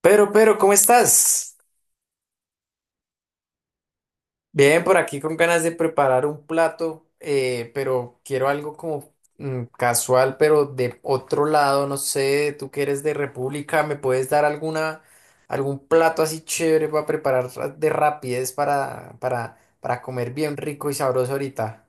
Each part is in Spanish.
Pero, ¿cómo estás? Bien, por aquí con ganas de preparar un plato, pero quiero algo como casual, pero de otro lado, no sé, tú que eres de República, ¿me puedes dar algún plato así chévere para preparar de rapidez para comer bien rico y sabroso ahorita?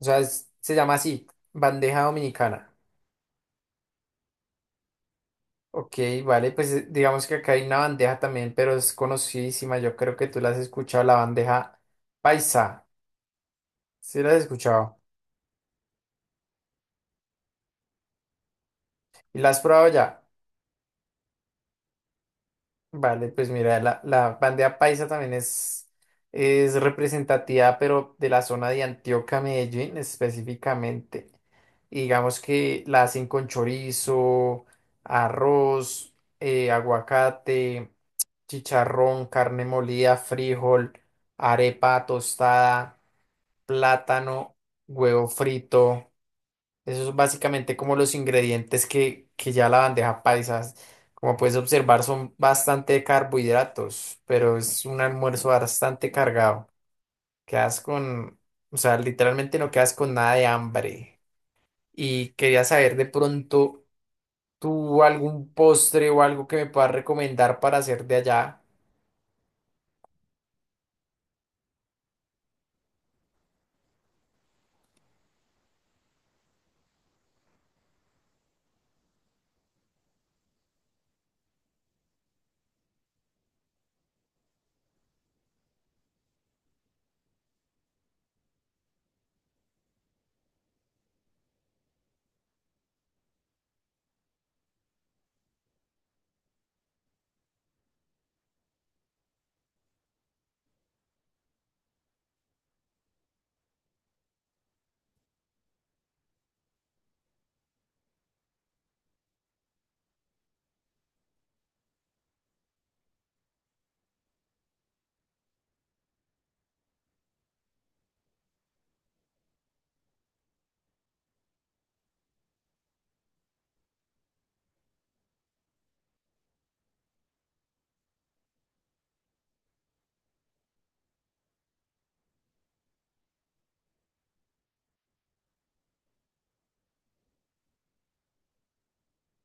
O sea, se llama así, bandeja dominicana. Ok, vale, pues digamos que acá hay una bandeja también, pero es conocidísima, yo creo que tú la has escuchado, la bandeja paisa. Sí, las he escuchado. ¿Y las has probado ya? Vale, pues mira, la bandeja paisa también es representativa, pero de la zona de Antioquia, Medellín específicamente. Y digamos que la hacen con chorizo, arroz, aguacate, chicharrón, carne molida, frijol, arepa tostada, plátano, huevo frito. Eso es básicamente como los ingredientes que ya la bandeja paisa, como puedes observar, son bastante carbohidratos, pero es un almuerzo bastante cargado. Quedas con, o sea, literalmente no quedas con nada de hambre. Y quería saber de pronto, ¿tú algún postre o algo que me puedas recomendar para hacer de allá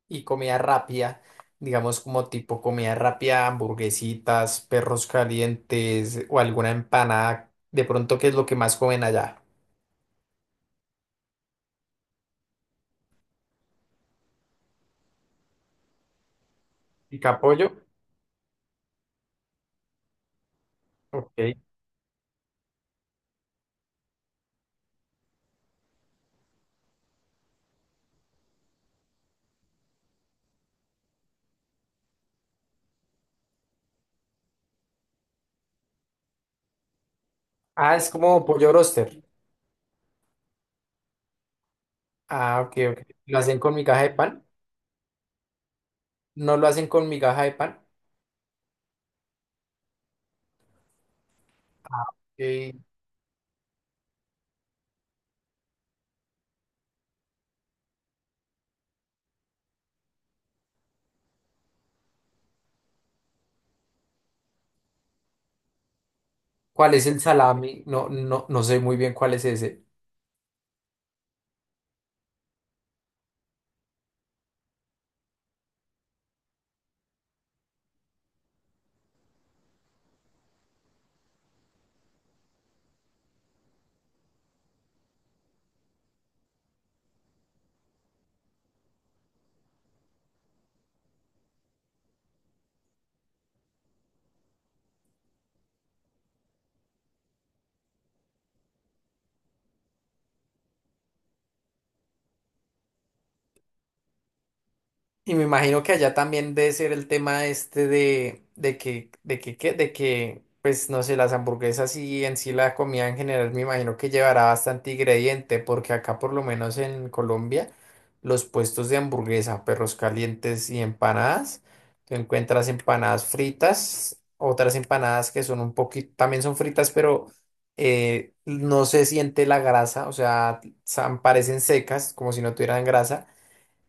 y comida rápida? Digamos como tipo comida rápida, hamburguesitas, perros calientes o alguna empanada. De pronto, ¿qué es lo que más comen allá? Pica pollo. Ok. Ah, es como pollo roster. Ah, ok, ok. Lo hacen con migaja de pan. No lo hacen con migaja de pan. Ok. ¿Cuál es el salami? No, no sé muy bien cuál es ese. Y me imagino que allá también debe ser el tema este de que, pues no sé, las hamburguesas y en sí la comida en general, me imagino que llevará bastante ingrediente, porque acá por lo menos en Colombia, los puestos de hamburguesa, perros calientes y empanadas, tú encuentras empanadas fritas, otras empanadas que son un poquito, también son fritas, pero no se siente la grasa, o sea, parecen secas, como si no tuvieran grasa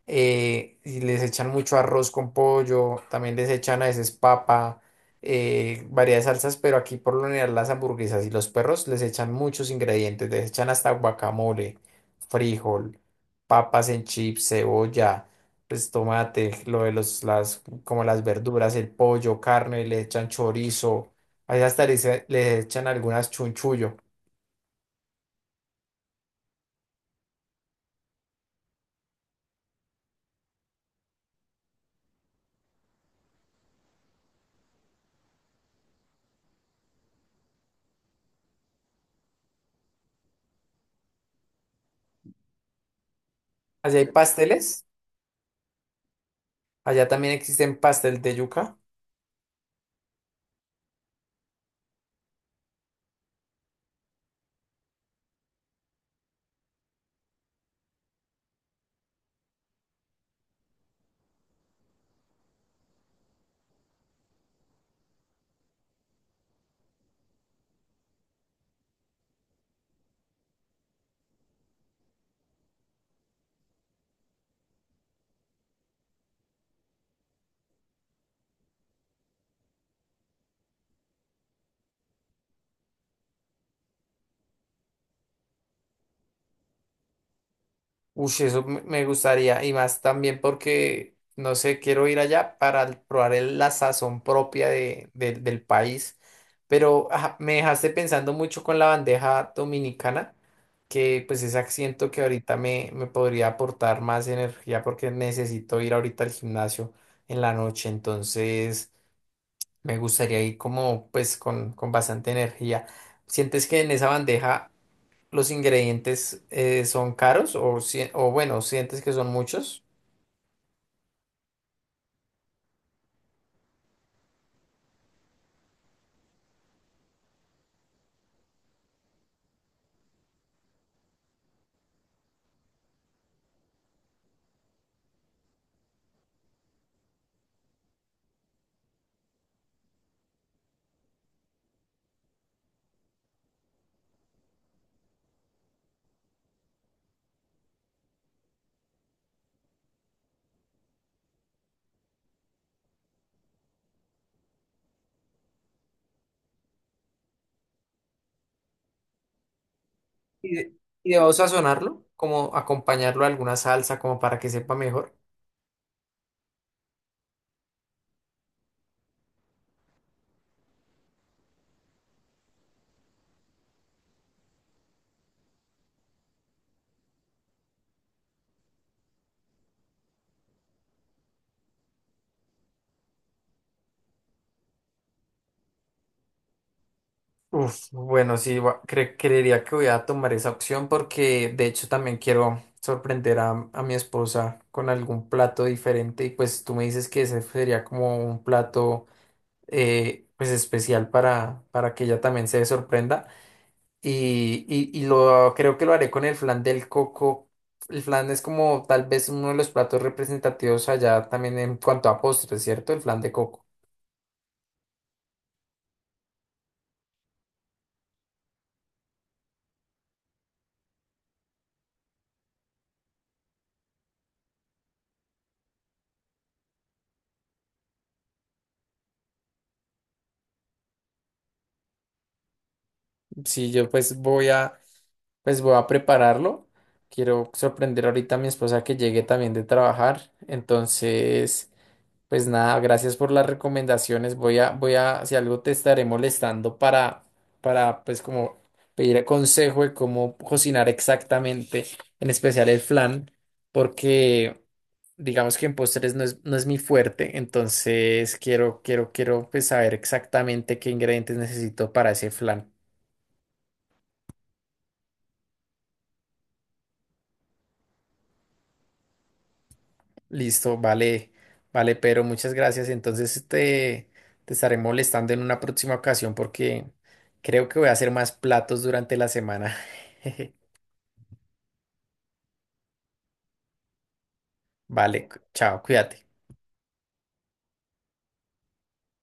y les echan mucho arroz con pollo, también les echan a veces papa, variedad de salsas, pero aquí por lo general las hamburguesas y los perros les echan muchos ingredientes, les echan hasta guacamole, frijol, papas en chips, cebolla, pues tomate, lo de los, las, como las verduras, el pollo, carne, le echan chorizo, allá hasta les echan algunas chunchullo. Allá hay pasteles, allá también existen pastel de yuca. Uy, eso me gustaría, y más también porque, no sé, quiero ir allá para probar la sazón propia de, del del país, pero ajá, me dejaste pensando mucho con la bandeja dominicana, que pues ese acento que ahorita me podría aportar más energía porque necesito ir ahorita al gimnasio en la noche, entonces me gustaría ir como pues con bastante energía. ¿Sientes que en esa bandeja los ingredientes son caros o, o bueno, sientes que son muchos y, de- y debo sazonarlo, como acompañarlo a alguna salsa como para que sepa mejor. Uf, bueno, sí, creería que voy a tomar esa opción porque de hecho también quiero sorprender a mi esposa con algún plato diferente y pues tú me dices que ese sería como un plato pues especial para que ella también se sorprenda. Y lo creo que lo haré con el flan del coco. El flan es como tal vez uno de los platos representativos allá también en cuanto a postres, ¿cierto? El flan de coco. Sí, yo pues voy a prepararlo. Quiero sorprender ahorita a mi esposa que llegue también de trabajar. Entonces. Pues nada, gracias por las recomendaciones. Si algo te estaré molestando pues como pedir consejo de cómo cocinar exactamente, en especial el flan, porque digamos que en postres no es mi fuerte, entonces quiero pues saber exactamente qué ingredientes necesito para ese flan. Listo, vale, pero muchas gracias. Entonces te estaré molestando en una próxima ocasión porque creo que voy a hacer más platos durante la semana. Vale, chao, cuídate.